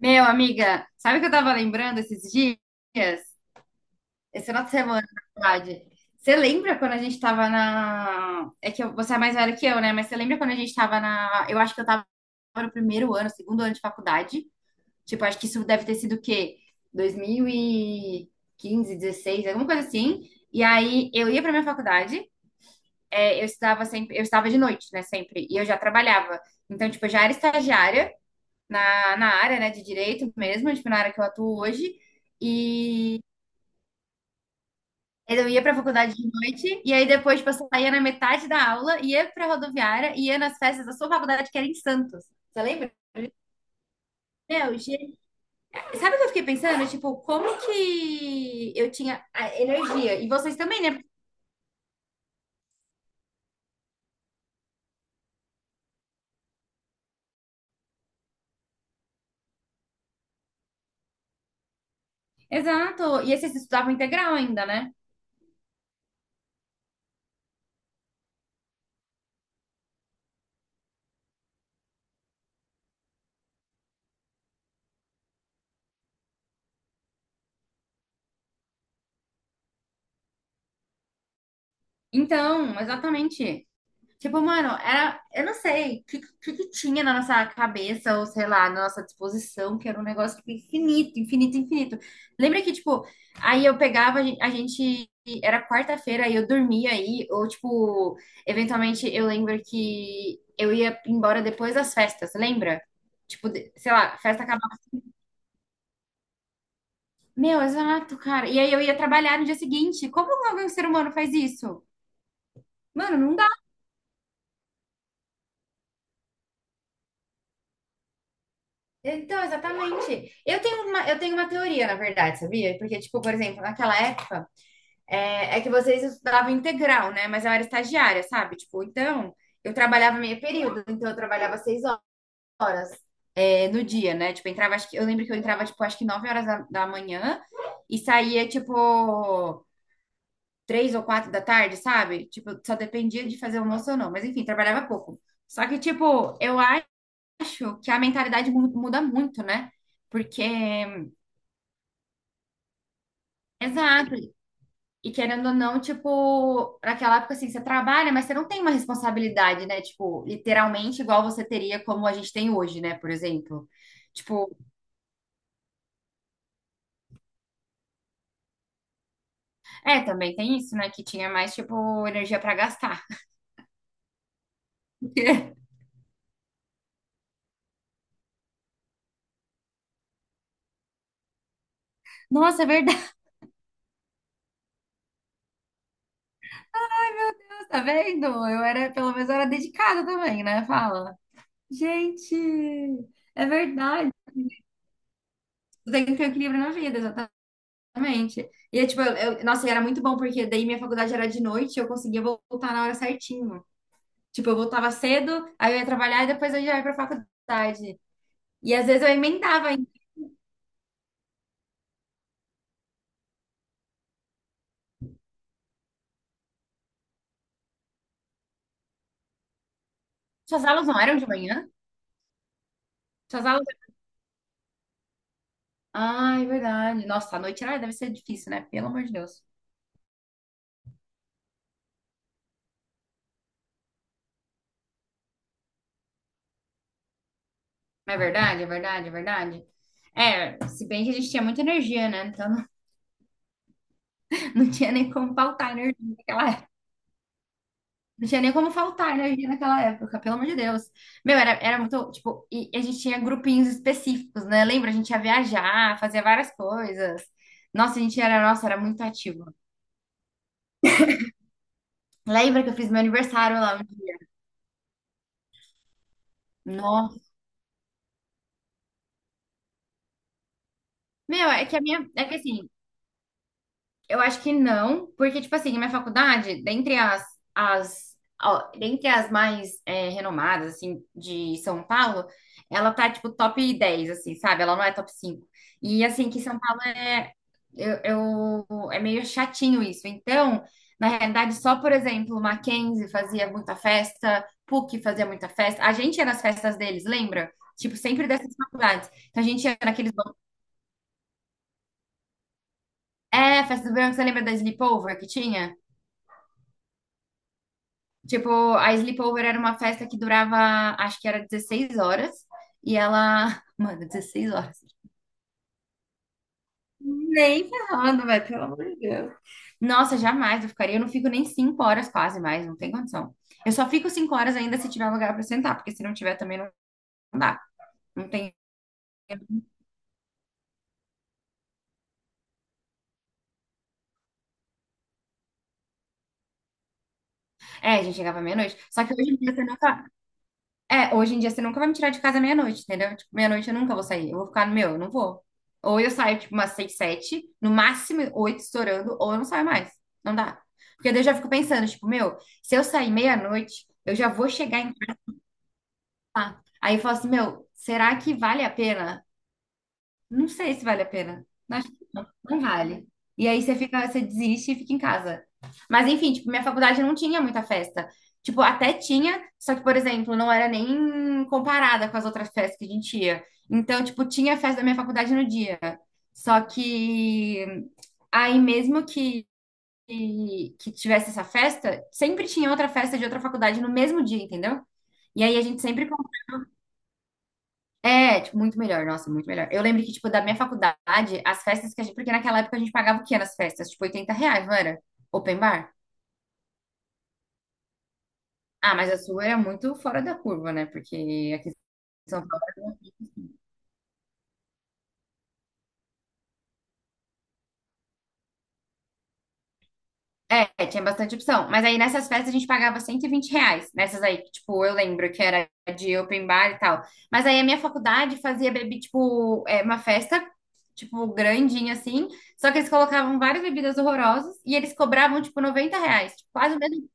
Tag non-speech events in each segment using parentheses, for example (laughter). Meu, amiga, sabe o que eu tava lembrando esses dias? Esse final de semana, na verdade. Você lembra quando a gente tava na. É que você é mais velho que eu, né? Mas você lembra quando a gente tava na. Eu acho que eu tava no primeiro ano, segundo ano de faculdade. Tipo, acho que isso deve ter sido o quê? Dois mil e quinze dezesseis alguma coisa assim. E aí eu ia pra minha faculdade, é, eu estudava sempre, eu estava de noite, né? Sempre. E eu já trabalhava. Então, tipo, eu já era estagiária na área, né, de direito mesmo, tipo, na área que eu atuo hoje. E eu ia para a faculdade de noite, e aí depois, tipo, eu saía na metade da aula, ia para a rodoviária, ia nas festas da sua faculdade, que era em Santos. Você lembra? Meu, gente, sabe o que eu fiquei pensando? Tipo, como que eu tinha a energia? E vocês também, né? Exato. E esses estudavam integral ainda, né? Então, exatamente. Tipo, mano, era, eu não sei o que tinha na nossa cabeça, ou sei lá, na nossa disposição, que era um negócio tipo, infinito, infinito, infinito. Lembra que, tipo, aí eu pegava, a gente, era quarta-feira, e eu dormia aí, ou, tipo, eventualmente eu lembro que eu ia embora depois das festas, lembra? Tipo, sei lá, festa acabava. Meu, exato, cara. E aí eu ia trabalhar no dia seguinte. Como algum ser humano faz isso? Mano, não. Então, exatamente. Eu tenho uma teoria, na verdade, sabia? Porque, tipo, por exemplo, naquela época, é que vocês estudavam integral, né? Mas eu era estagiária, sabe? Tipo, então, eu trabalhava meio período, então eu trabalhava 6 horas, é, no dia, né? Tipo, eu entrava, acho que, eu lembro que eu entrava, tipo, acho que 9 horas da manhã e saía, tipo, três ou quatro da tarde, sabe? Tipo, só dependia de fazer almoço ou não. Mas, enfim, trabalhava pouco. Só que, tipo, eu acho que a mentalidade muda muito, né? Porque exato. E querendo ou não, tipo, naquela época assim, você trabalha, mas você não tem uma responsabilidade, né? Tipo, literalmente igual você teria como a gente tem hoje, né? Por exemplo. Tipo, é, também tem isso, né? Que tinha mais, tipo, energia pra gastar. (laughs) Nossa, é verdade. (laughs) Tá vendo? Eu era, pelo menos, eu era dedicada também, né? Fala. Gente, é verdade. Tu tem que ter equilíbrio na vida, exatamente. E, é, tipo, nossa, e era muito bom, porque daí minha faculdade era de noite e eu conseguia voltar na hora certinho. Tipo, eu voltava cedo, aí eu ia trabalhar e depois eu já ia pra faculdade. E às vezes eu emendava ainda. Suas aulas não eram de manhã? Suas aulas. Ai, é verdade. Nossa, à noite ai, deve ser difícil, né? Pelo amor de Deus. Não é verdade, é verdade, é verdade. É, se bem que a gente tinha muita energia, né? Então não, (laughs) não tinha nem como faltar energia naquela época. Não tinha nem como faltar energia naquela época, pelo amor de Deus. Meu, era, era muito, tipo, e a gente tinha grupinhos específicos, né? Lembra? A gente ia viajar, fazia várias coisas. Nossa, a gente era, nossa, era muito ativo. Lembra que eu fiz meu aniversário lá um dia? Nossa. Meu, é que a minha. É que assim, eu acho que não, porque, tipo assim, a minha faculdade, as, ó, dentre as mais renomadas, assim, de São Paulo, ela tá, tipo, top 10 assim, sabe? Ela não é top 5. E, assim, que São Paulo é, eu, é meio chatinho isso. Então, na realidade, só, por exemplo, Mackenzie fazia muita festa, PUC fazia muita festa. A gente ia nas festas deles, lembra? Tipo, sempre dessas faculdades. Então, a gente ia naqueles. É, festa do verão, você lembra da Sleepover que tinha? Tipo, a Sleepover era uma festa que durava, acho que era 16 horas. E ela. (laughs) Mano, 16 horas. Nem ferrando, velho, pelo amor de Deus. Nossa, jamais eu ficaria. Eu não fico nem 5 horas quase mais, não tem condição. Eu só fico 5 horas ainda se tiver lugar pra sentar, porque se não tiver também não dá. Não tem. É, a gente chegava meia-noite. Só que hoje em dia você não. É, hoje em dia você nunca vai me tirar de casa meia-noite, entendeu? Tipo, meia-noite eu nunca vou sair. Eu vou ficar no meu, eu não vou. Ou eu saio, tipo, umas seis, sete, no máximo oito estourando, ou eu não saio mais. Não dá. Porque daí eu já fico pensando, tipo, meu, se eu sair meia-noite, eu já vou chegar em casa. Aí eu falo assim, meu, será que vale a pena? Não sei se vale a pena. Não vale. E aí você fica, você desiste e fica em casa. Mas enfim, tipo, minha faculdade não tinha muita festa. Tipo, até tinha, só que, por exemplo, não era nem comparada com as outras festas que a gente ia. Então, tipo, tinha festa da minha faculdade no dia. Só que aí mesmo que tivesse essa festa, sempre tinha outra festa de outra faculdade no mesmo dia, entendeu? E aí a gente sempre é, tipo, muito melhor, nossa, muito melhor. Eu lembro que, tipo, da minha faculdade, as festas que a gente. Porque naquela época a gente pagava o quê nas festas? Tipo, R$ 80, não era? Open bar? Ah, mas a sua era muito fora da curva, né? Porque aqui em São Paulo. É, tinha bastante opção. Mas aí nessas festas a gente pagava R$ 120. Nessas aí, que, tipo, eu lembro que era de open bar e tal. Mas aí a minha faculdade fazia tipo, é, uma festa. Tipo, grandinha assim, só que eles colocavam várias bebidas horrorosas e eles cobravam, tipo, R$ 90, tipo, quase o mesmo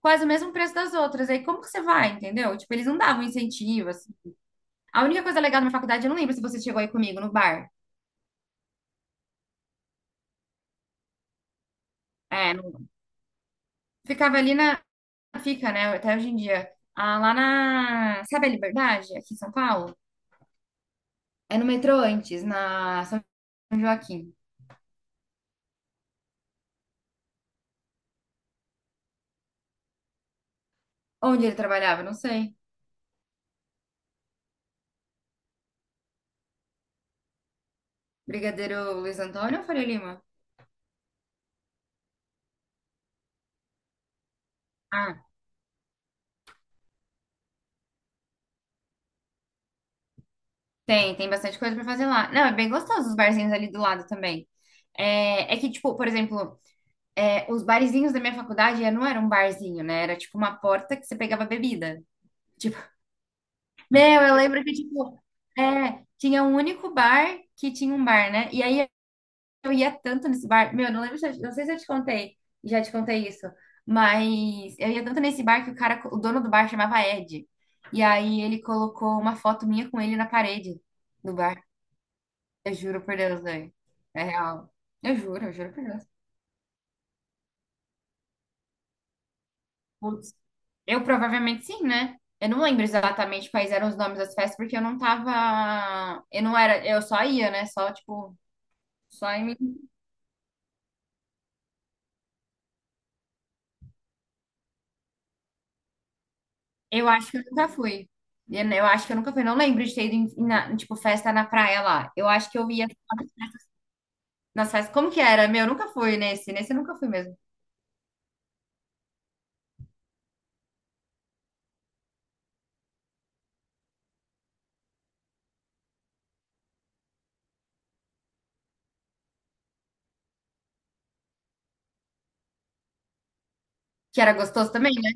quase o mesmo preço das outras. Aí como que você vai, entendeu? Tipo, eles não davam incentivo, assim. A única coisa legal da minha faculdade, eu não lembro se você chegou aí comigo no bar. É, ficava ali na. Fica, né? Até hoje em dia. Ah, lá na. Sabe a Liberdade, aqui em São Paulo? É no metrô antes, na São Joaquim. Onde ele trabalhava? Não sei. Brigadeiro Luiz Antônio ou Faria Lima? Ah, tem, tem bastante coisa pra fazer lá. Não, é bem gostoso os barzinhos ali do lado também. É, é que, tipo, por exemplo. É, os barzinhos da minha faculdade é, não era um barzinho, né? Era tipo uma porta que você pegava bebida. Tipo, (laughs) meu, eu lembro que, tipo, é, tinha um único bar que tinha um bar, né? E aí eu ia tanto nesse bar. Meu, não lembro se eu, não sei se eu te contei, já te contei isso, mas eu ia tanto nesse bar que o cara, o dono do bar chamava Ed. E aí ele colocou uma foto minha com ele na parede do bar. Eu juro por Deus, velho. É real. Eu juro por Deus. Eu provavelmente sim, né? Eu não lembro exatamente quais eram os nomes das festas, porque eu não tava. Eu não era. Eu só ia, né? Só, tipo. Só em. Eu acho que eu nunca fui. Eu acho que eu nunca fui. Não lembro de ter ido em, tipo, festa na praia lá. Eu acho que eu ia nas festas. Como que era? Meu, eu nunca fui nesse. Nesse eu nunca fui mesmo. Que era gostoso também, né?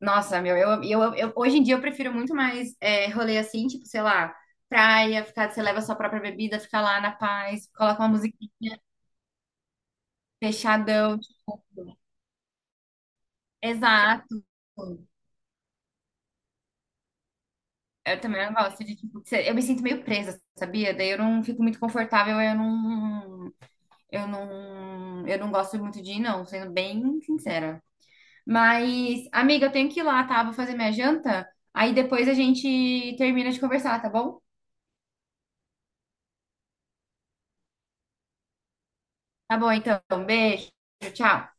Nossa, meu, hoje em dia eu prefiro muito mais é, rolê assim, tipo, sei lá, praia, ficar, você leva a sua própria bebida, ficar lá na paz, coloca uma musiquinha fechadão, tipo. Exato. Eu também não gosto de, tipo, eu me sinto meio presa, sabia? Daí eu não fico muito confortável, eu não gosto muito de ir, não, sendo bem sincera. Mas, amiga, eu tenho que ir lá, tá? Vou fazer minha janta, aí depois a gente termina de conversar, tá bom? Tá bom, então. Beijo, tchau.